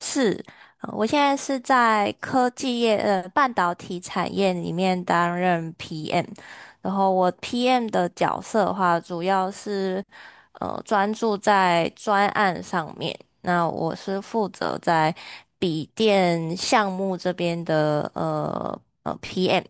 是，我现在是在科技业，半导体产业里面担任 PM，然后我 PM 的角色的话，主要是专注在专案上面。那我是负责在笔电项目这边的PM。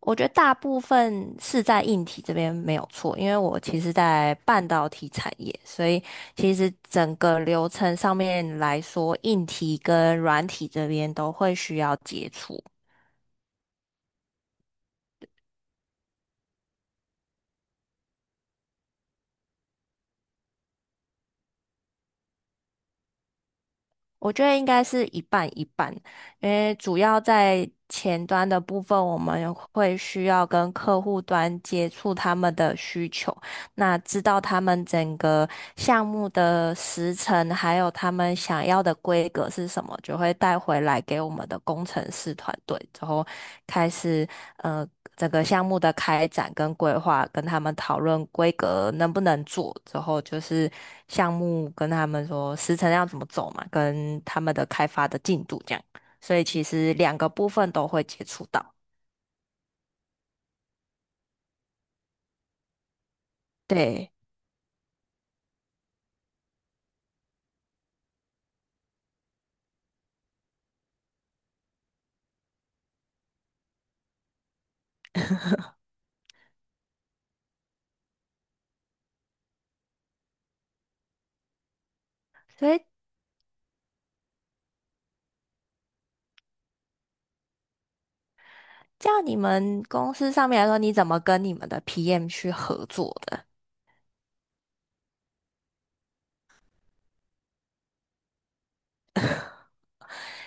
我觉得大部分是在硬体这边没有错，因为我其实在半导体产业，所以其实整个流程上面来说，硬体跟软体这边都会需要接触。我觉得应该是一半一半，因为主要在前端的部分，我们会需要跟客户端接触他们的需求，那知道他们整个项目的时程，还有他们想要的规格是什么，就会带回来给我们的工程师团队，之后开始。呃整个项目的开展跟规划，跟他们讨论规格能不能做，之后就是项目跟他们说时程要怎么走嘛，跟他们的开发的进度这样。所以其实两个部分都会接触到。对，所以这样你们公司上面来说，你怎么跟你们的 PM 去合作的？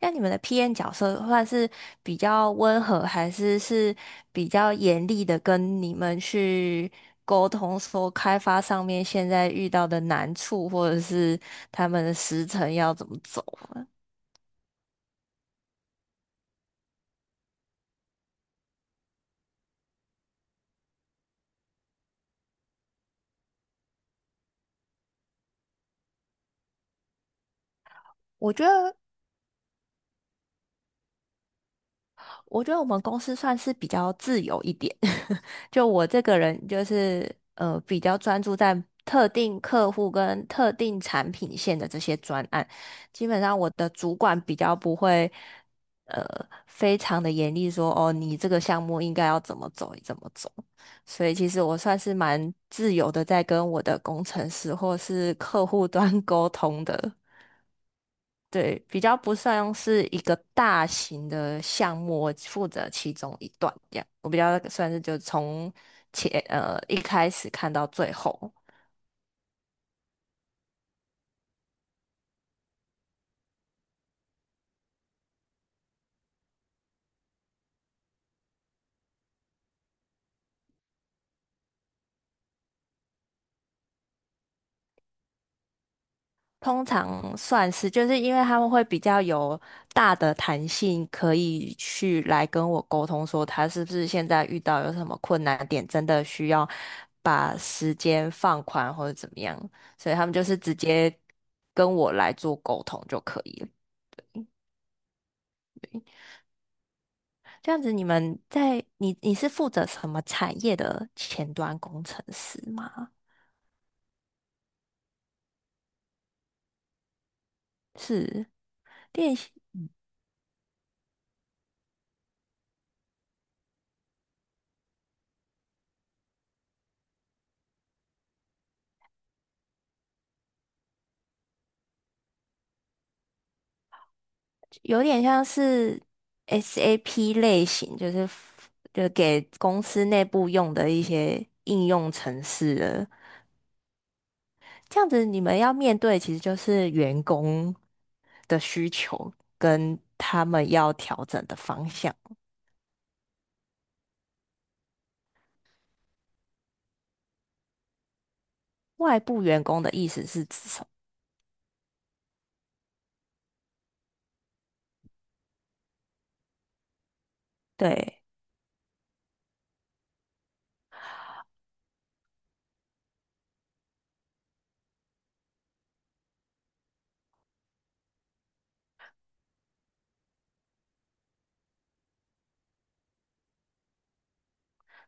那你们的 p N 角色算是比较温和，还是比较严厉的跟你们去沟通，说开发上面现在遇到的难处，或者是他们的时程要怎么走啊。我觉得我觉得我们公司算是比较自由一点，就我这个人就是比较专注在特定客户跟特定产品线的这些专案，基本上我的主管比较不会呃非常的严厉说哦你这个项目应该要怎么走怎么走，所以其实我算是蛮自由的在跟我的工程师或是客户端 沟通的。对，比较不算是一个大型的项目，我负责其中一段这样。我比较算是就从前一开始看到最后，通常算是就是因为他们会比较有大的弹性，可以去来跟我沟通说他是不是现在遇到有什么困难点，真的需要把时间放宽或者怎么样，所以他们就是直接跟我来做沟通就可以了。这样子，你们在你是负责什么产业的前端工程师吗？是练习有点像是 SAP 类型，就是就给公司内部用的一些应用程式的。这样子，你们要面对其实就是员工的需求跟他们要调整的方向。外部员工的意思是指什么？对，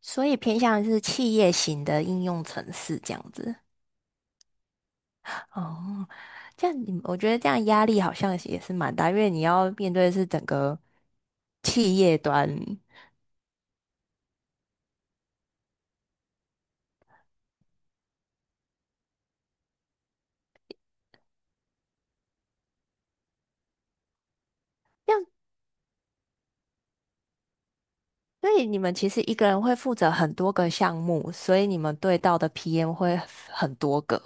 所以偏向是企业型的应用程式这样子。哦，这样你我觉得这样压力好像也是蛮大，因为你要面对的是整个企业端。这样，所以你们其实一个人会负责很多个项目，所以你们对到的 PM 会很多个。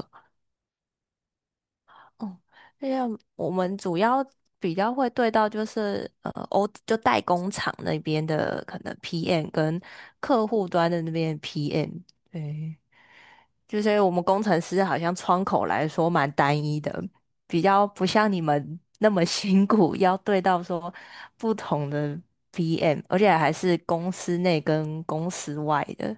哦，这样我们主要比较会对到就是就代工厂那边的可能 PM 跟客户端的那边 PM。对，就是我们工程师好像窗口来说蛮单一的，比较不像你们那么 辛苦，要对到说不同的 PM,而且还是公司内跟公司外的。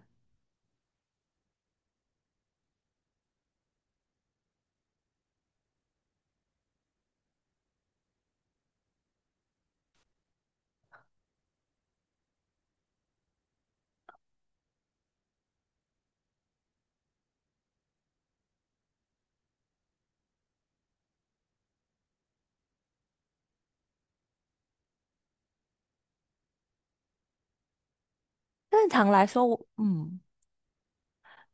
正常来说我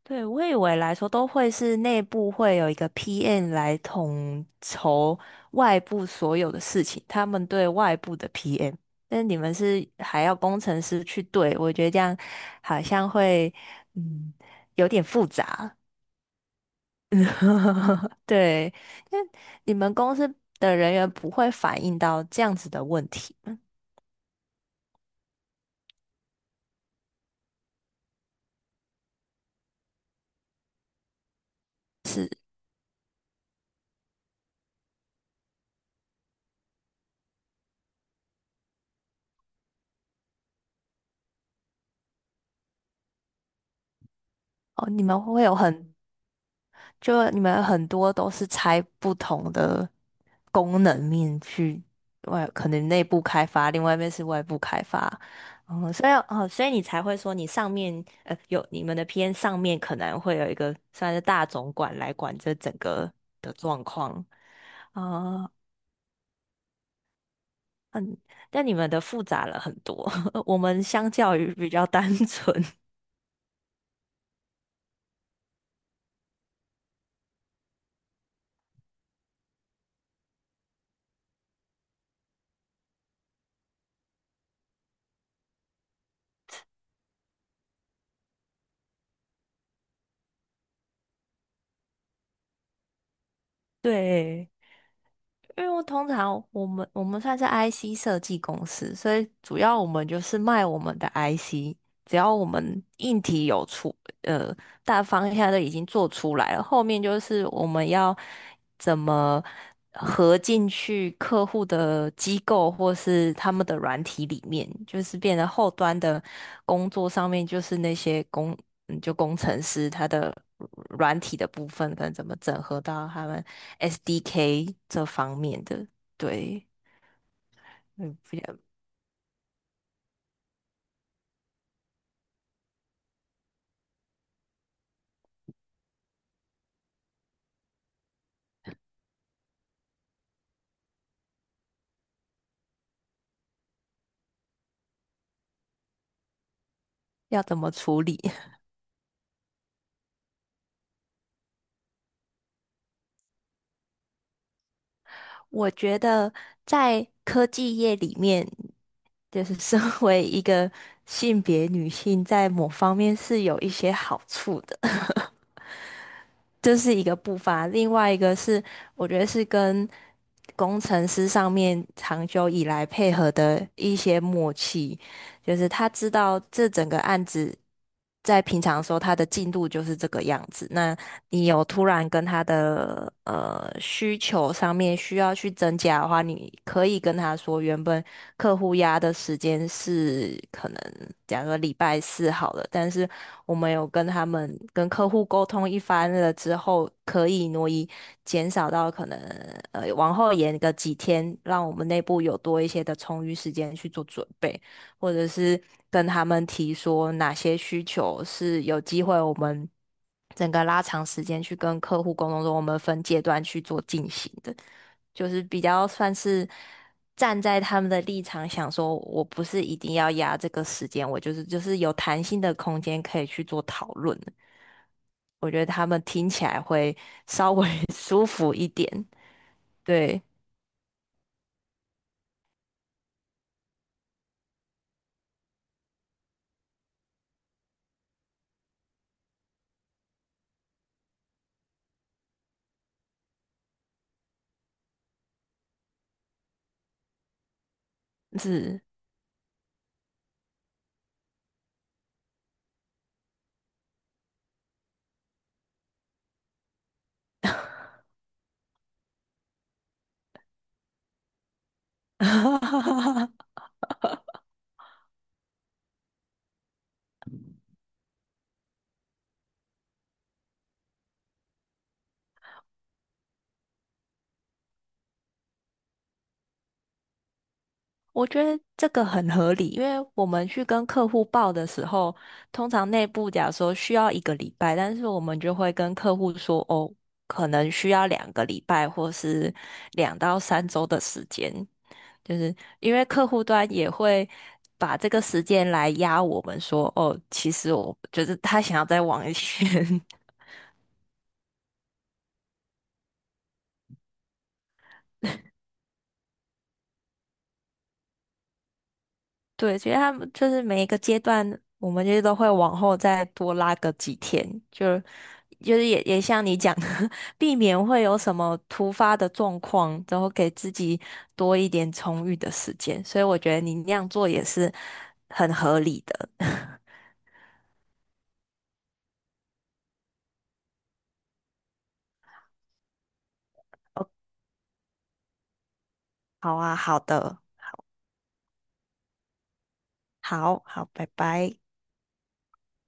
对，我以为来说都会是内部会有一个 PM 来统筹外部所有的事情，他们对外部的 PM,但你们是还要工程师去对，我觉得这样好像会嗯有点复杂。对，那你们公司的人员不会反映到这样子的问题吗？哦，你们很多都是拆不同的功能面去外，可能内部开发，另外一面是外部开发。哦，所以你才会说你上面有你们的 p N 上面可能会有一个算是大总管来管这整个的状况。啊，嗯，但你们的复杂了很多，我们相较于比较单纯。对，因为我通常我们我们算是 IC 设计公司，所以主要我们就是卖我们的 IC,只要我们硬体有出，呃，大方向都已经做出来了，后面就是我们要怎么合进去客户的机构或是他们的软体里面，就是变得后端的工作上面，就是那些工嗯就工程师他的软体的部分，跟怎么整合到他们 SDK 这方面的，对，嗯，不要要怎么处理？我觉得在科技业里面，就是身 为一个性别女性，在某方面是有一些好处的，这是一个步伐。另外一个是，我觉得是跟工程师上面长久以来配合的一些默契。就是他知道这整个案子在平常的时候他的进度就是这个样子。那你有突然跟他的需求上面需要去增加的话，你可以跟他说，原本客户压的时间是可能假如说礼拜四好了，但是我们有跟他们跟客户沟通一番了之后，可以挪移减少到可能往后延个几天，让我们内部有多一些的充裕时间去做准备。或者是跟他们提说哪些需求是有机会我们整个拉长时间去跟客户沟通中，我们分阶段去做进行的，就是比较算是站在他们的立场想说，我不是一定要压这个时间，我就是有弹性的空间可以去做讨论的。我觉得他们听起来会稍微 舒服一点，对，是。我觉得这个很合理，因为我们去跟客户报的时候，通常内部假如说需要一个礼拜，但是我们就会跟客户说，哦，可能需要2个礼拜或是2到3周的时间，就是因为客户端也会把这个时间来压我们说，哦，其实我觉得他想要再往一些。对，其实他们就是每一个阶段，我们就是都会往后再多拉个几天，就就是也像你讲的，避免会有什么突发的状况，然后给自己多一点充裕的时间。所以我觉得你那样做也是很合理的。哦，好啊，好的，好好，拜拜。